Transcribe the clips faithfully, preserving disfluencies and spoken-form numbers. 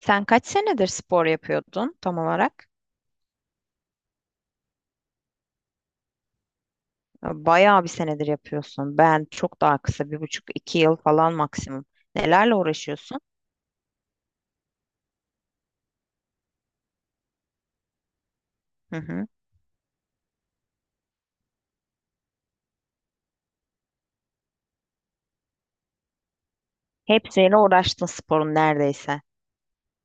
Sen kaç senedir spor yapıyordun tam olarak? Bayağı bir senedir yapıyorsun. Ben çok daha kısa, bir buçuk, iki yıl falan maksimum. Nelerle uğraşıyorsun? Hı hı. Hepsiyle uğraştın sporun neredeyse.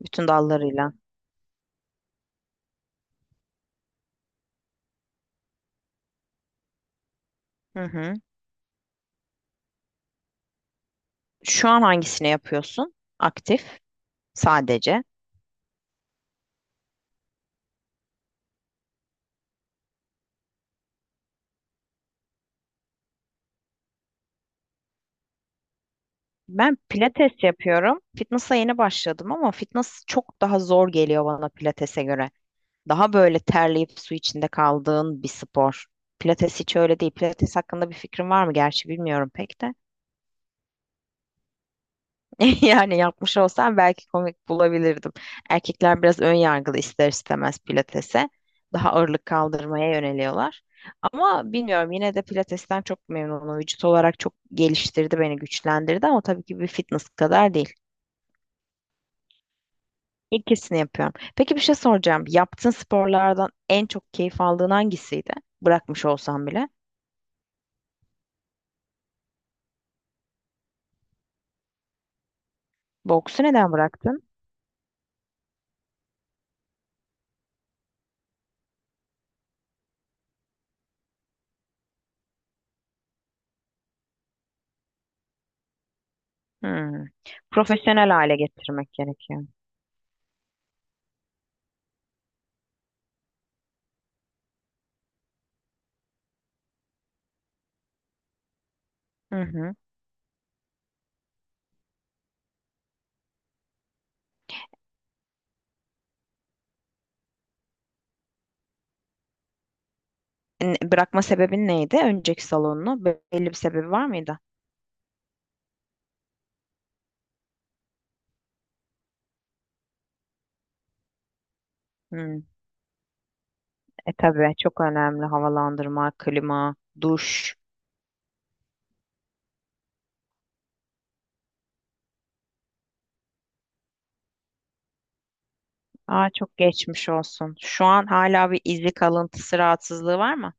Bütün dallarıyla. Hı hı. Şu an hangisini yapıyorsun? Aktif sadece. Ben pilates yapıyorum. Fitness'a yeni başladım ama fitness çok daha zor geliyor bana pilates'e göre. Daha böyle terleyip su içinde kaldığın bir spor. Pilates hiç öyle değil. Pilates hakkında bir fikrin var mı? Gerçi bilmiyorum pek de. Yani yapmış olsam belki komik bulabilirdim. Erkekler biraz ön yargılı ister istemez pilatese. Daha ağırlık kaldırmaya yöneliyorlar. Ama bilmiyorum yine de pilatesten çok memnunum. Vücut olarak çok geliştirdi beni, güçlendirdi ama tabii ki bir fitness kadar değil. İkisini yapıyorum. Peki bir şey soracağım. Yaptığın sporlardan en çok keyif aldığın hangisiydi? Bırakmış olsan bile. Boksu neden bıraktın? Hmm. Profesyonel hale getirmek gerekiyor. Hı hı. Ne- Bırakma sebebin neydi? Önceki salonunu Be- belli bir sebebi var mıydı? Hmm. E tabii çok önemli havalandırma, klima, duş. Aa çok geçmiş olsun. Şu an hala bir izi kalıntısı rahatsızlığı var mı?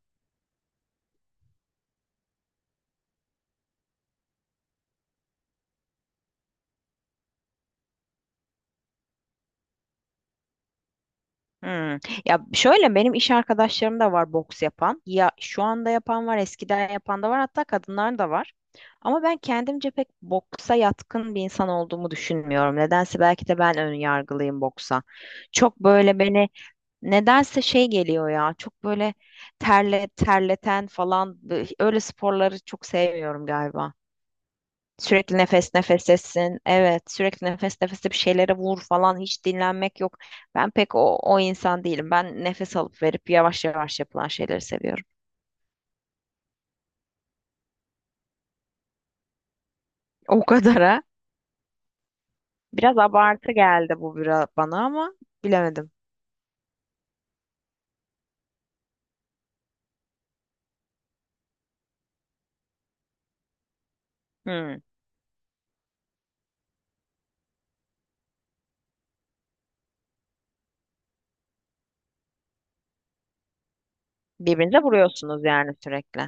Hmm. Ya şöyle benim iş arkadaşlarım da var boks yapan. Ya şu anda yapan var, eskiden yapan da var, hatta kadınlar da var. Ama ben kendimce pek boksa yatkın bir insan olduğumu düşünmüyorum. Nedense belki de ben ön yargılıyım boksa. Çok böyle beni nedense şey geliyor ya. Çok böyle terle terleten falan böyle- öyle sporları çok sevmiyorum galiba. Sürekli nefes nefesesin. Evet, sürekli nefes nefese bir şeylere vur falan hiç dinlenmek yok. Ben pek o, o insan değilim. Ben nefes alıp verip yavaş yavaş yapılan şeyleri seviyorum. O kadara. Biraz abartı geldi bu biraz bana ama bilemedim. Hmm. Birbirinize vuruyorsunuz yani sürekli.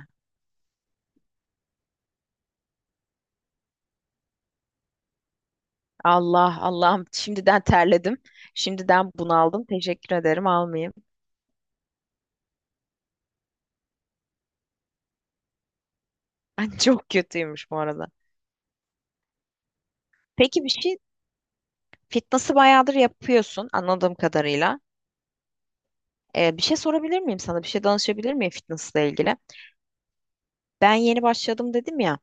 Allah Allah'ım şimdiden terledim. Şimdiden bunaldım. Teşekkür ederim almayayım. Ben çok kötüymüş bu arada. Peki bir şey fitness'ı bayağıdır yapıyorsun anladığım kadarıyla. Ee, bir şey sorabilir miyim sana? Bir şey danışabilir miyim fitnessla ilgili? Ben yeni başladım dedim ya.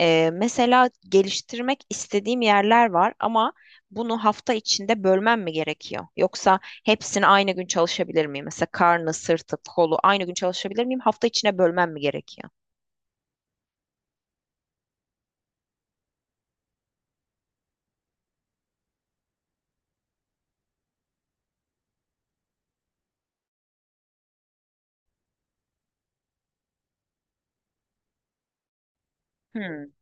Ee, mesela geliştirmek istediğim yerler var ama bunu hafta içinde bölmem mi gerekiyor? Yoksa hepsini aynı gün çalışabilir miyim? Mesela karnı, sırtı, kolu aynı gün çalışabilir miyim? Hafta içine bölmem mi gerekiyor? Hmm,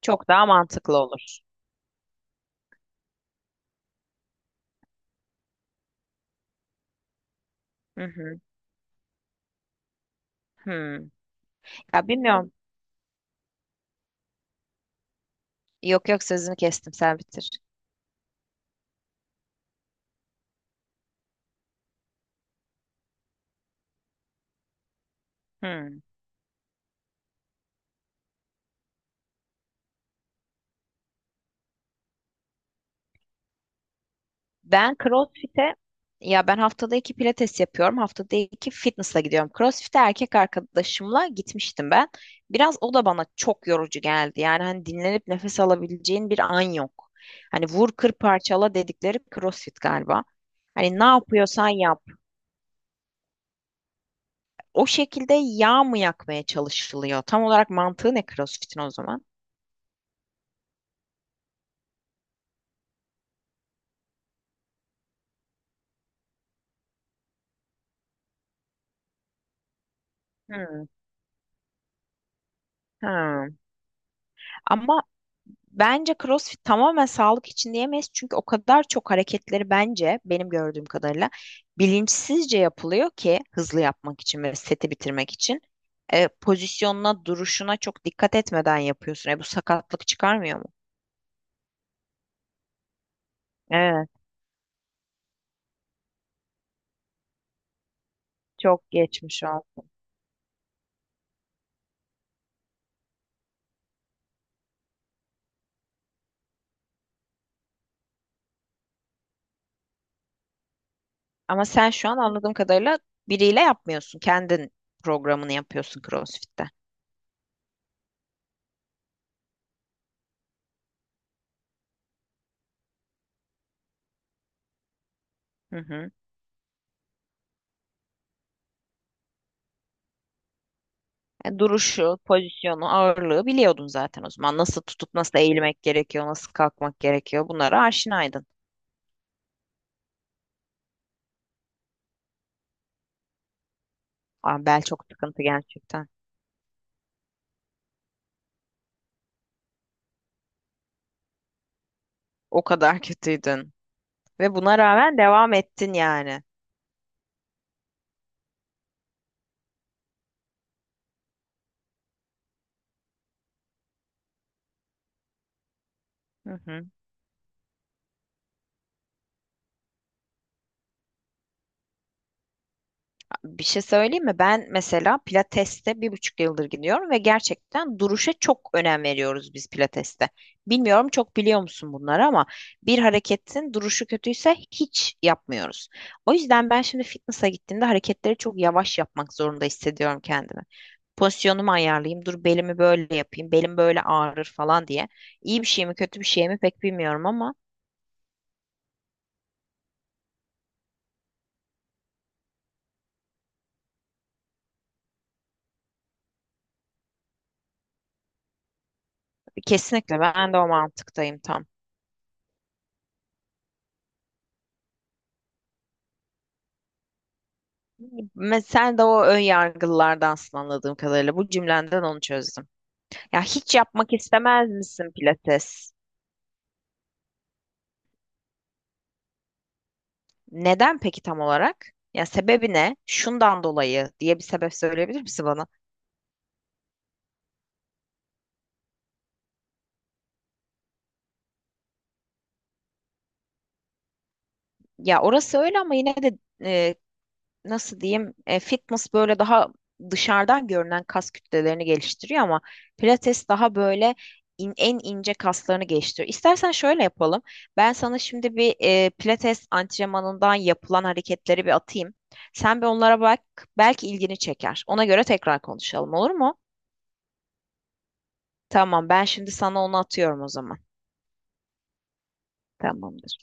çok daha mantıklı olur. Hı hı, hmm. Ya bilmiyorum. Yok yok sözünü kestim sen bitir. Hmm. Ben CrossFit'e ya ben haftada iki pilates yapıyorum. Haftada iki fitness'a gidiyorum. CrossFit'e erkek arkadaşımla gitmiştim ben. Biraz o da bana çok yorucu geldi. Yani hani dinlenip nefes alabileceğin bir an yok. Hani vur kır parçala dedikleri CrossFit galiba. Hani ne yapıyorsan yap. O şekilde yağ mı yakmaya çalışılıyor? Tam olarak mantığı ne CrossFit'in o zaman? Hmm. Hmm. Ama bence CrossFit tamamen sağlık için diyemeyiz. Çünkü o kadar çok hareketleri bence benim gördüğüm kadarıyla bilinçsizce yapılıyor ki hızlı yapmak için ve seti bitirmek için. E, pozisyonuna, duruşuna çok dikkat etmeden yapıyorsun. E, bu sakatlık çıkarmıyor mu? Evet, çok geçmiş ol. Ama sen şu an anladığım kadarıyla biriyle yapmıyorsun. Kendin programını yapıyorsun CrossFit'te. Hı hı. E, duruşu, pozisyonu, ağırlığı biliyordun zaten o zaman. Nasıl tutup nasıl eğilmek gerekiyor, nasıl kalkmak gerekiyor bunlara aşinaydın. Aa, bel çok sıkıntı gerçekten. O kadar kötüydün. Ve buna rağmen devam ettin yani. Hı hı. Bir şey söyleyeyim mi? Ben mesela Pilates'te bir buçuk yıldır gidiyorum ve gerçekten duruşa çok önem veriyoruz biz Pilates'te. Bilmiyorum çok biliyor musun bunları ama bir hareketin duruşu kötüyse hiç yapmıyoruz. O yüzden ben şimdi fitness'a gittiğimde hareketleri çok yavaş yapmak zorunda hissediyorum kendimi. Pozisyonumu ayarlayayım, dur belimi böyle yapayım, belim böyle ağrır falan diye. İyi bir şey mi kötü bir şey mi pek bilmiyorum ama kesinlikle ben de o mantıktayım tam. Mesela sen de o ön yargılardansın anladığım kadarıyla. Bu cümlenden onu çözdüm. Ya hiç yapmak istemez misin pilates? Neden peki tam olarak? Ya sebebi ne? Şundan dolayı diye bir sebep söyleyebilir misin bana? Ya orası öyle ama yine de e, nasıl diyeyim e, fitness böyle daha dışarıdan görünen kas kütlelerini geliştiriyor ama pilates daha böyle in- en ince kaslarını geliştiriyor. İstersen şöyle yapalım. Ben sana şimdi bir e, pilates antrenmanından yapılan hareketleri bir atayım. Sen bir onlara bak. Belki ilgini çeker. Ona göre tekrar konuşalım olur mu? Tamam, ben şimdi sana onu atıyorum o zaman. Tamamdır.